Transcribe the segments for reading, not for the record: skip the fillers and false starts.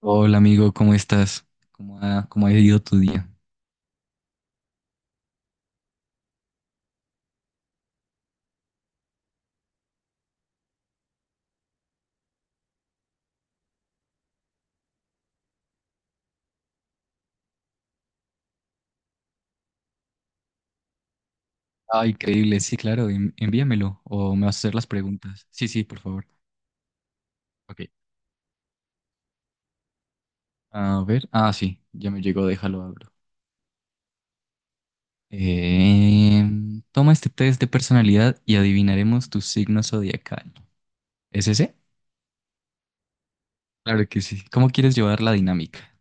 Hola amigo, ¿cómo estás? ¿Cómo ha ido tu día? Ah, increíble, sí, claro, envíamelo o me vas a hacer las preguntas. Sí, sí, por favor. Ok. A ver, ah, sí, ya me llegó, déjalo, abro. Toma este test de personalidad y adivinaremos tu signo zodiacal. ¿Es ese? Claro que sí. ¿Cómo quieres llevar la dinámica?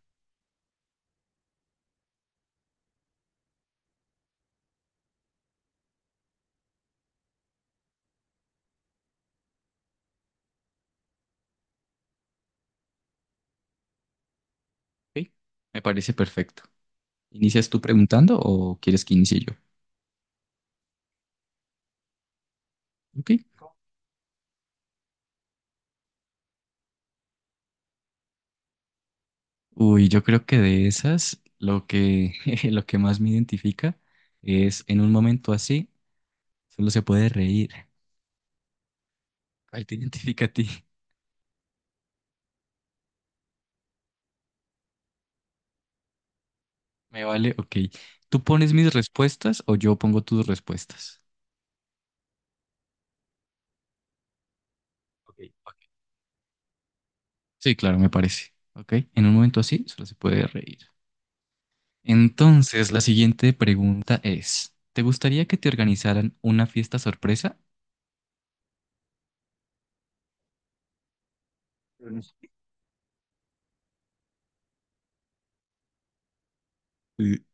Ok, me parece perfecto. ¿Inicias tú preguntando o quieres que inicie yo? Ok. Uy, yo creo que de esas, lo que más me identifica es en un momento así, solo se puede reír. ¿Cuál te identifica a ti? Me vale, ok. ¿Tú pones mis respuestas o yo pongo tus respuestas? Ok, ok. Sí, claro, me parece. Ok, en un momento así, solo se puede reír. Entonces, la siguiente pregunta es, ¿te gustaría que te organizaran una fiesta sorpresa? Mm. Sí,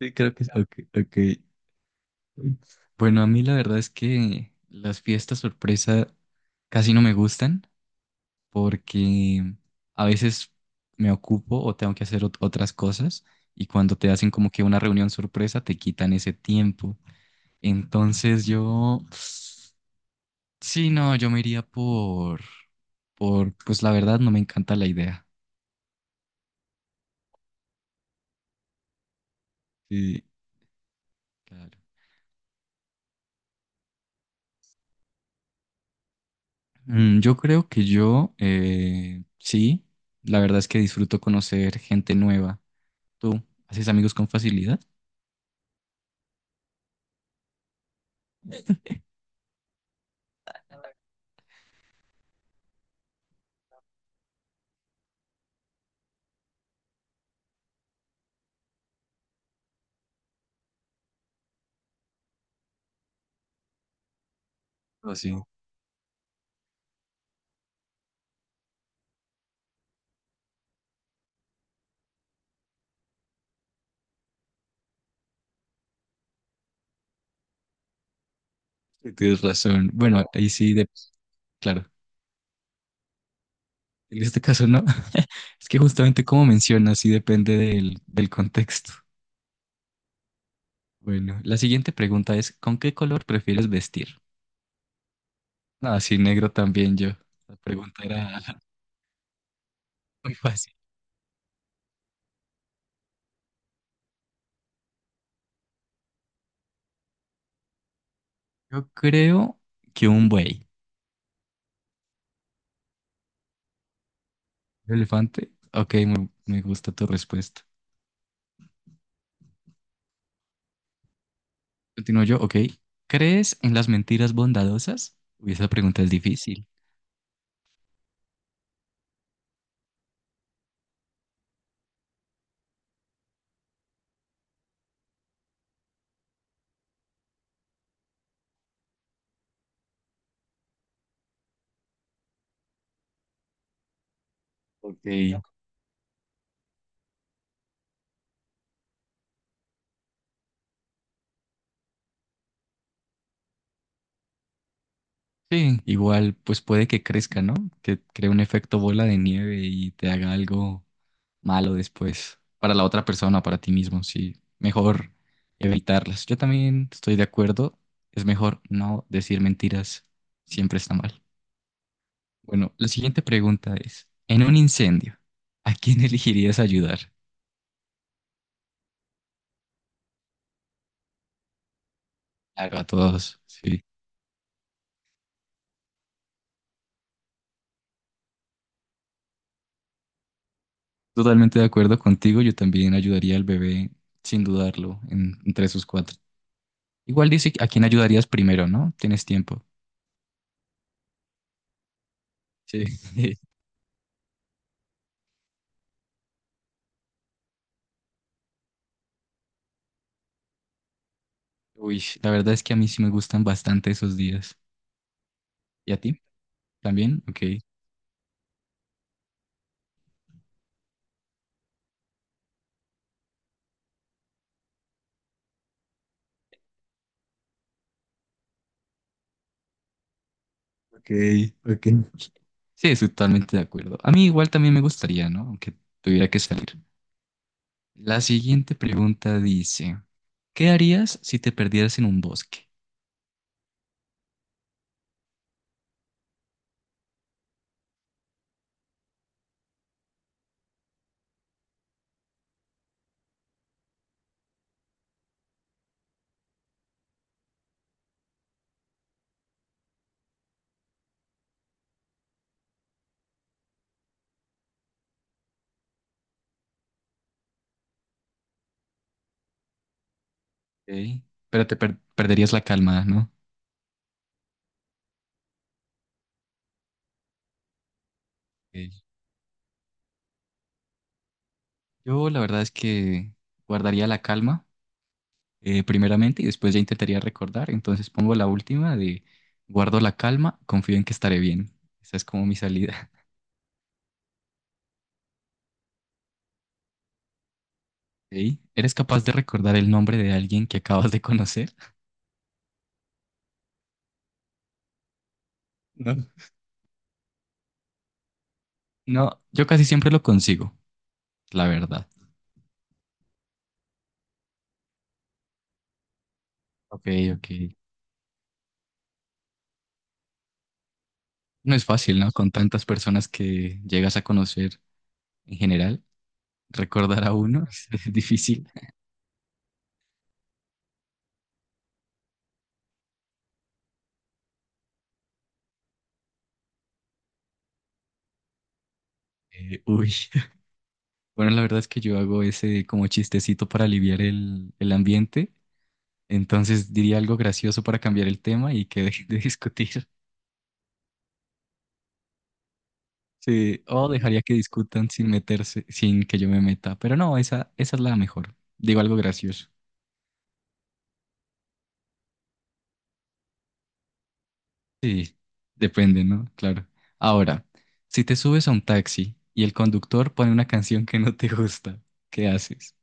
sí, creo que sí. Ok, ok. Bueno, a mí la verdad es que las fiestas sorpresa casi no me gustan porque a veces me ocupo o tengo que hacer otras cosas y cuando te hacen como que una reunión sorpresa te quitan ese tiempo. Entonces yo, sí, no, yo me iría por, pues la verdad no me encanta la idea. Sí, claro. Mm, yo creo que yo, sí, la verdad es que disfruto conocer gente nueva. ¿Tú haces amigos con facilidad? No, sí, sí, tienes razón. Bueno, ahí sí, claro, en este caso no. Es que justamente como mencionas, sí depende del, del contexto. Bueno, la siguiente pregunta es, ¿con qué color prefieres vestir? Ah, sí, negro también yo. La pregunta era muy fácil. Yo creo que un buey. ¿Un elefante? Ok, me gusta tu respuesta. Continúo yo, ok. ¿Crees en las mentiras bondadosas? Uy, esa pregunta es difícil. Ok. Sí, igual pues puede que crezca, ¿no? Que cree un efecto bola de nieve y te haga algo malo después para la otra persona, para ti mismo, sí. Mejor evitarlas. Yo también estoy de acuerdo, es mejor no decir mentiras, siempre está mal. Bueno, la siguiente pregunta es, en un incendio, ¿a quién elegirías ayudar? Claro, a todos, sí. Totalmente de acuerdo contigo, yo también ayudaría al bebé sin dudarlo en, entre sus cuatro. Igual dice a quién ayudarías primero, ¿no? Tienes tiempo. Sí. Uy, la verdad es que a mí sí me gustan bastante esos días. ¿Y a ti? ¿También? Ok. Ok, ok. Sí, estoy totalmente de acuerdo. A mí igual también me gustaría, ¿no? Aunque tuviera que salir. La siguiente pregunta dice, ¿qué harías si te perdieras en un bosque? Ok. Pero te perderías la calma, ¿no? Ok. Yo la verdad es que guardaría la calma. Primeramente y después ya intentaría recordar. Entonces pongo la última de guardo la calma, confío en que estaré bien. Esa es como mi salida. ¿Ok? ¿Eres capaz de recordar el nombre de alguien que acabas de conocer? No. No, yo casi siempre lo consigo, la verdad. Ok, ok. No es fácil, ¿no? Con tantas personas que llegas a conocer en general, recordar a uno es difícil. Uy. Bueno, la verdad es que yo hago ese como chistecito para aliviar el ambiente. Entonces diría algo gracioso para cambiar el tema y que dejen de discutir. Sí, o dejaría que discutan sin meterse, sin que yo me meta. Pero no, esa es la mejor. Digo algo gracioso. Sí, depende, ¿no? Claro. Ahora, si te subes a un taxi y el conductor pone una canción que no te gusta, ¿qué haces?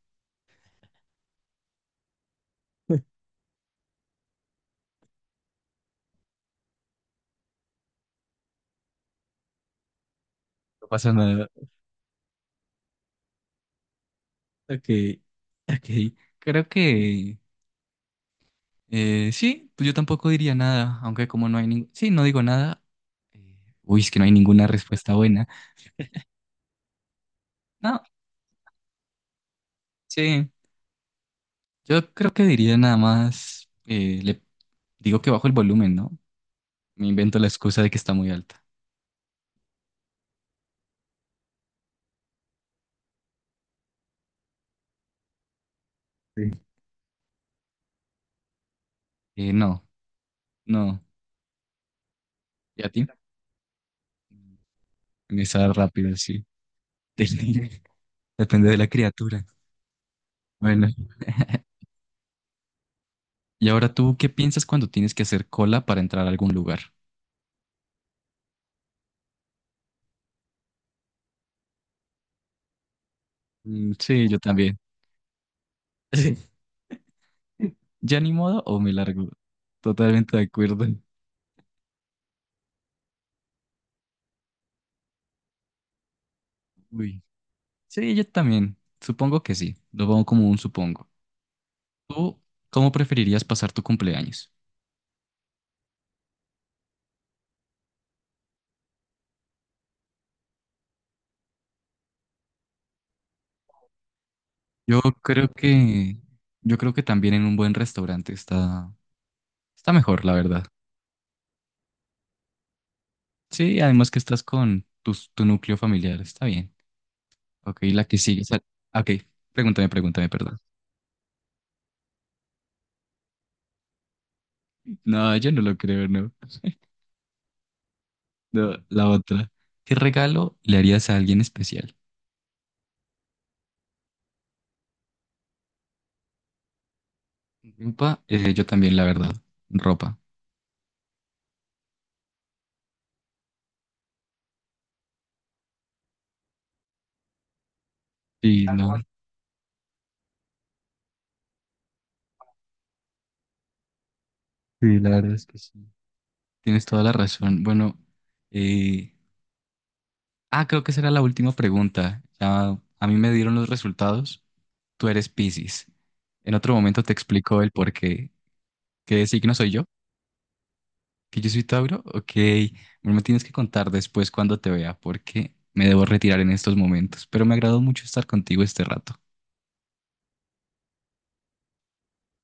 No pasa nada. Ok, ok. Creo que sí, pues yo tampoco diría nada, aunque como no hay ningún... Sí, no digo nada. Uy, es que no hay ninguna respuesta buena. No, sí, yo creo que diría nada más, le digo que bajo el volumen, ¿no? Me invento la excusa de que está muy alta. Sí. No, no. ¿Y a ti? En esa rápida, sí. Depende Depende de la criatura. Bueno, ¿y ahora tú qué piensas cuando tienes que hacer cola para entrar a algún lugar? Mm, sí, yo también. ¿Ya ni modo o me largo? Totalmente de acuerdo. Uy. Sí, yo también. Supongo que sí. Lo pongo como un supongo. ¿Tú cómo preferirías pasar tu cumpleaños? Yo creo que, yo creo que también en un buen restaurante está, está mejor, la verdad. Sí, además que estás con tu núcleo familiar, está bien. Ok, la que sigue. Ok, pregúntame, perdón. No, yo no lo creo, no. No, la otra. ¿Qué regalo le harías a alguien especial? Ropa, yo también, la verdad. Ropa. Sí, no. Sí, la verdad es que sí. Tienes toda la razón. Bueno, eh, ah, creo que será la última pregunta. Ya a mí me dieron los resultados. Tú eres Piscis. En otro momento te explico el por qué. ¿Qué signo soy yo? ¿Que yo soy Tauro? Ok. No me lo tienes que contar después cuando te vea porque me debo retirar en estos momentos. Pero me agradó mucho estar contigo este rato.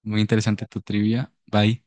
Muy interesante tu trivia. Bye.